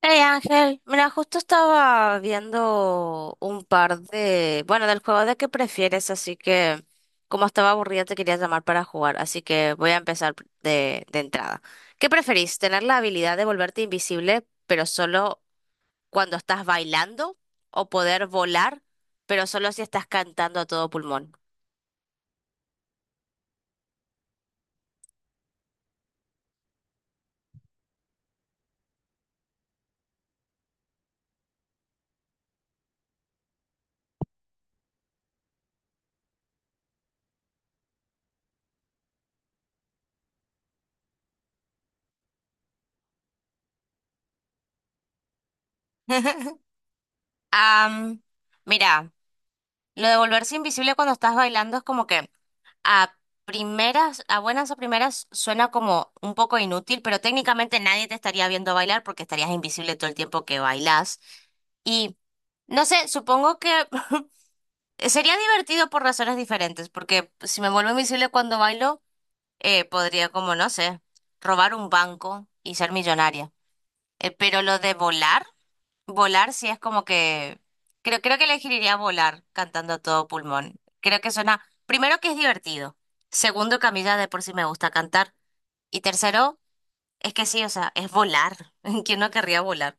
Hey Ángel, mira, justo estaba viendo un par de, bueno, del juego de qué prefieres, así que como estaba aburrida te quería llamar para jugar, así que voy a empezar de entrada. ¿Qué preferís? ¿Tener la habilidad de volverte invisible, pero solo cuando estás bailando? ¿O poder volar, pero solo si estás cantando a todo pulmón? Am, mira, lo de volverse invisible cuando estás bailando es como que a primeras, a buenas o primeras suena como un poco inútil, pero técnicamente nadie te estaría viendo bailar porque estarías invisible todo el tiempo que bailás. Y no sé, supongo que sería divertido por razones diferentes, porque si me vuelvo invisible cuando bailo, podría como, no sé, robar un banco y ser millonaria. Pero lo de volar. Volar sí es como que creo que elegiría volar cantando a todo pulmón. Creo que suena primero que es divertido, segundo que a mí ya de por sí me gusta cantar y tercero es que sí, o sea, es volar. ¿Quién no querría volar?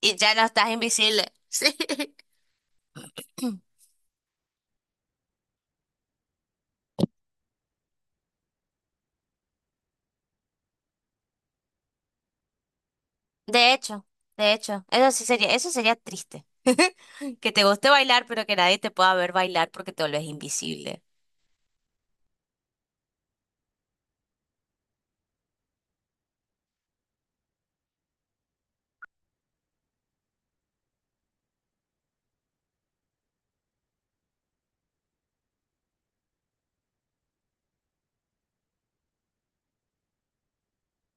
Y ya no estás invisible. Sí. De hecho, de hecho, eso sí sería eso sería triste. Que te guste bailar, pero que nadie te pueda ver bailar porque te volvés invisible.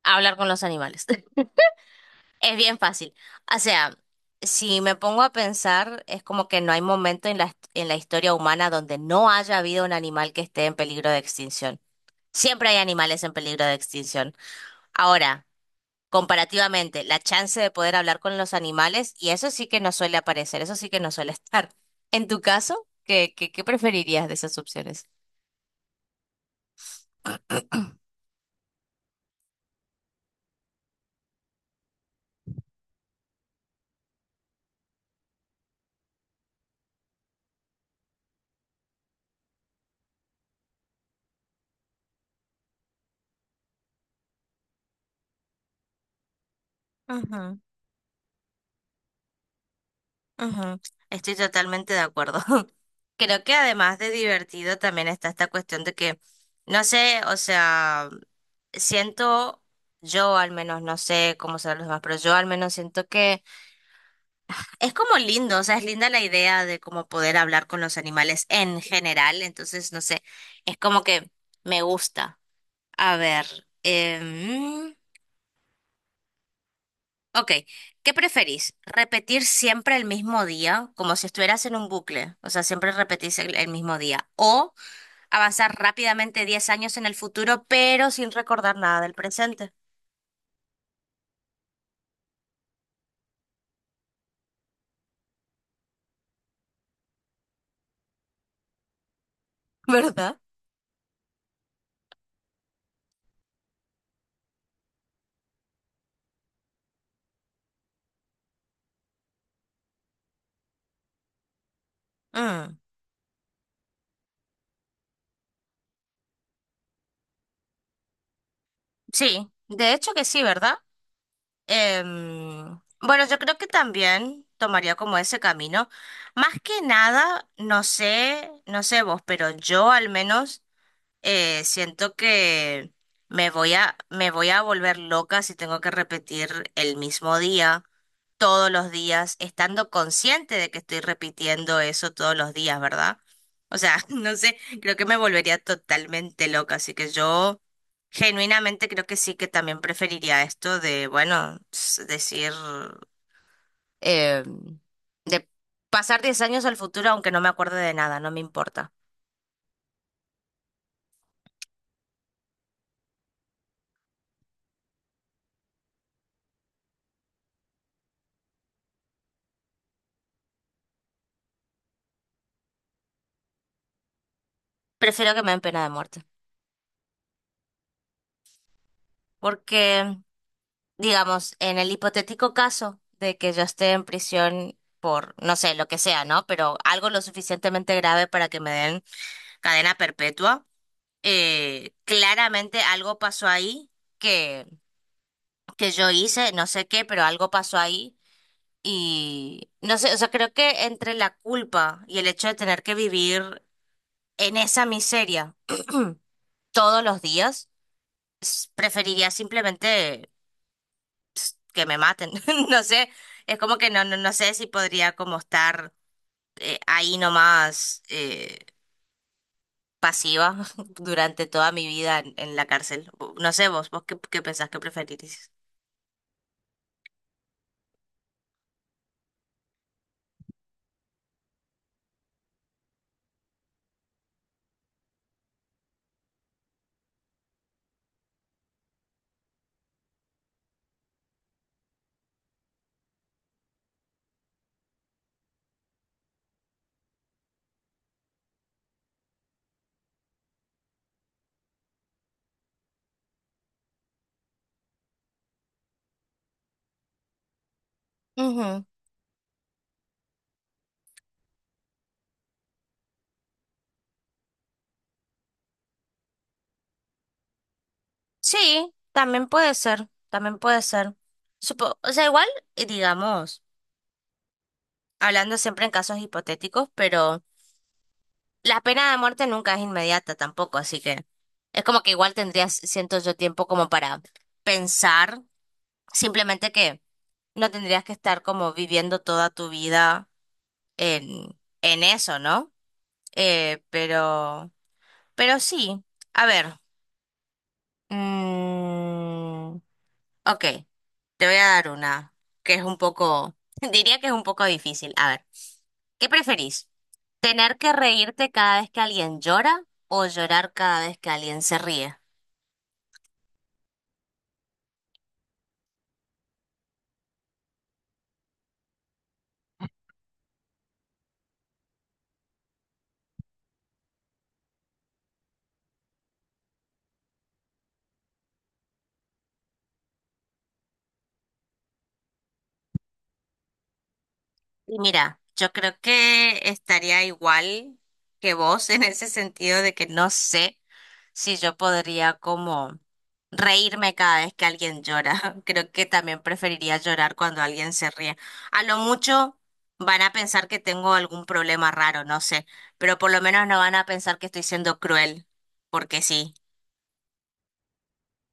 Hablar con los animales. Es bien fácil. O sea, si me pongo a pensar, es como que no hay momento en en la historia humana donde no haya habido un animal que esté en peligro de extinción. Siempre hay animales en peligro de extinción. Ahora, comparativamente, la chance de poder hablar con los animales, y eso sí que no suele aparecer, eso sí que no suele estar. En tu caso, ¿qué preferirías de esas opciones? Ujú, estoy totalmente de acuerdo. Creo que además de divertido también está esta cuestión de que, no sé, o sea, siento, yo al menos, no sé cómo serán los demás, pero yo al menos siento que es como lindo, o sea, es linda la idea de cómo poder hablar con los animales en general, entonces, no sé, es como que me gusta. A ver, em, ok, ¿qué preferís? ¿Repetir siempre el mismo día, como si estuvieras en un bucle? O sea, siempre repetís el mismo día. ¿O avanzar rápidamente 10 años en el futuro, pero sin recordar nada del presente? ¿Verdad? Mm, sí, de hecho que sí, ¿verdad? Bueno, yo creo que también tomaría como ese camino. Más que nada, no sé, no sé vos, pero yo al menos siento que me voy a volver loca si tengo que repetir el mismo día todos los días, estando consciente de que estoy repitiendo eso todos los días, ¿verdad? O sea, no sé, creo que me volvería totalmente loca, así que yo genuinamente creo que sí que también preferiría esto de, bueno, decir, eh, de pasar 10 años al futuro aunque no me acuerde de nada, no me importa. Prefiero que me den pena de muerte. Porque digamos, en el hipotético caso de que yo esté en prisión por, no sé, lo que sea, ¿no? Pero algo lo suficientemente grave para que me den cadena perpetua, claramente algo pasó ahí que, que yo hice, no sé qué, pero algo pasó ahí. Y no sé, o sea, creo que entre la culpa y el hecho de tener que vivir en esa miseria todos los días, preferiría simplemente que me maten. No sé, es como que no, no, no sé si podría como estar ahí nomás pasiva durante toda mi vida en la cárcel. No sé vos, vos qué pensás que preferirís. Ujú. Sí, también puede ser, también puede ser. O sea, igual, digamos, hablando siempre en casos hipotéticos, pero la pena de muerte nunca es inmediata tampoco, así que es como que igual tendrías, siento yo, tiempo como para pensar, simplemente que no tendrías que estar como viviendo toda tu vida en eso, ¿no? Eh, pero, pero sí, a ver. mm, ok, te voy a dar una que es un poco, diría que es un poco difícil. A ver, ¿qué preferís? ¿Tener que reírte cada vez que alguien llora o llorar cada vez que alguien se ríe? Y mira, yo creo que estaría igual que vos en ese sentido de que no sé si yo podría como reírme cada vez que alguien llora. Creo que también preferiría llorar cuando alguien se ríe. A lo mucho van a pensar que tengo algún problema raro, no sé, pero por lo menos no van a pensar que estoy siendo cruel, porque sí.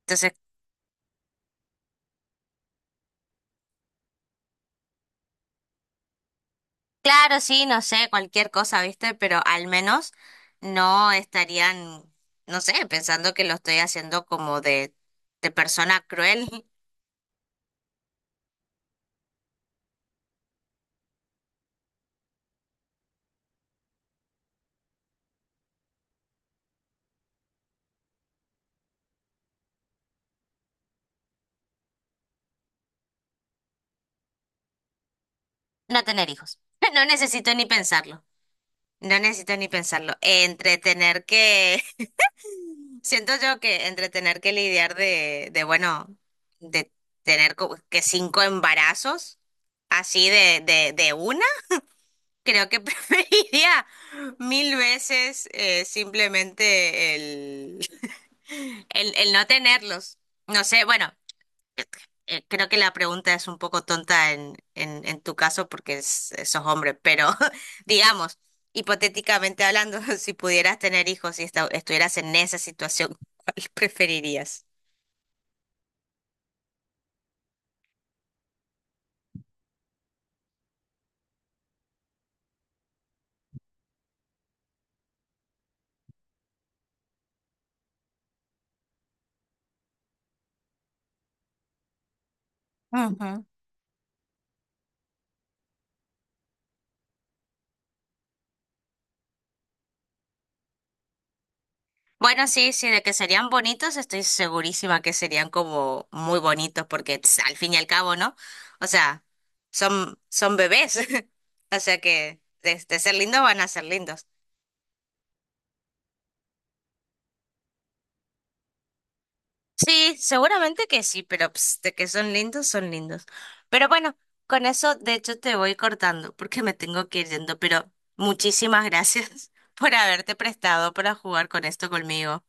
Entonces claro, sí, no sé, cualquier cosa, ¿viste? Pero al menos no estarían, no sé, pensando que lo estoy haciendo como de persona cruel. No tener hijos. No necesito ni pensarlo. No necesito ni pensarlo. Entretener que, siento yo que entretener que lidiar de bueno, de tener como que cinco embarazos así de una, creo que preferiría mil veces simplemente el... el no tenerlos. No sé, bueno, creo que la pregunta es un poco tonta en tu caso porque sos hombre, pero digamos, hipotéticamente hablando, si pudieras tener hijos y estuvieras en esa situación, ¿cuál preferirías? Bueno, sí, sí, de que serían bonitos, estoy segurísima que serían como muy bonitos, porque tss, al fin y al cabo, ¿no? O sea, son, son bebés. O sea que de ser lindos van a ser lindos. Sí, seguramente que sí, pero ps, de que son lindos, son lindos. Pero bueno, con eso, de hecho, te voy cortando, porque me tengo que ir yendo, pero muchísimas gracias por haberte prestado para jugar con esto conmigo.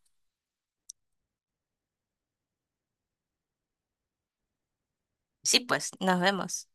Sí, pues, nos vemos.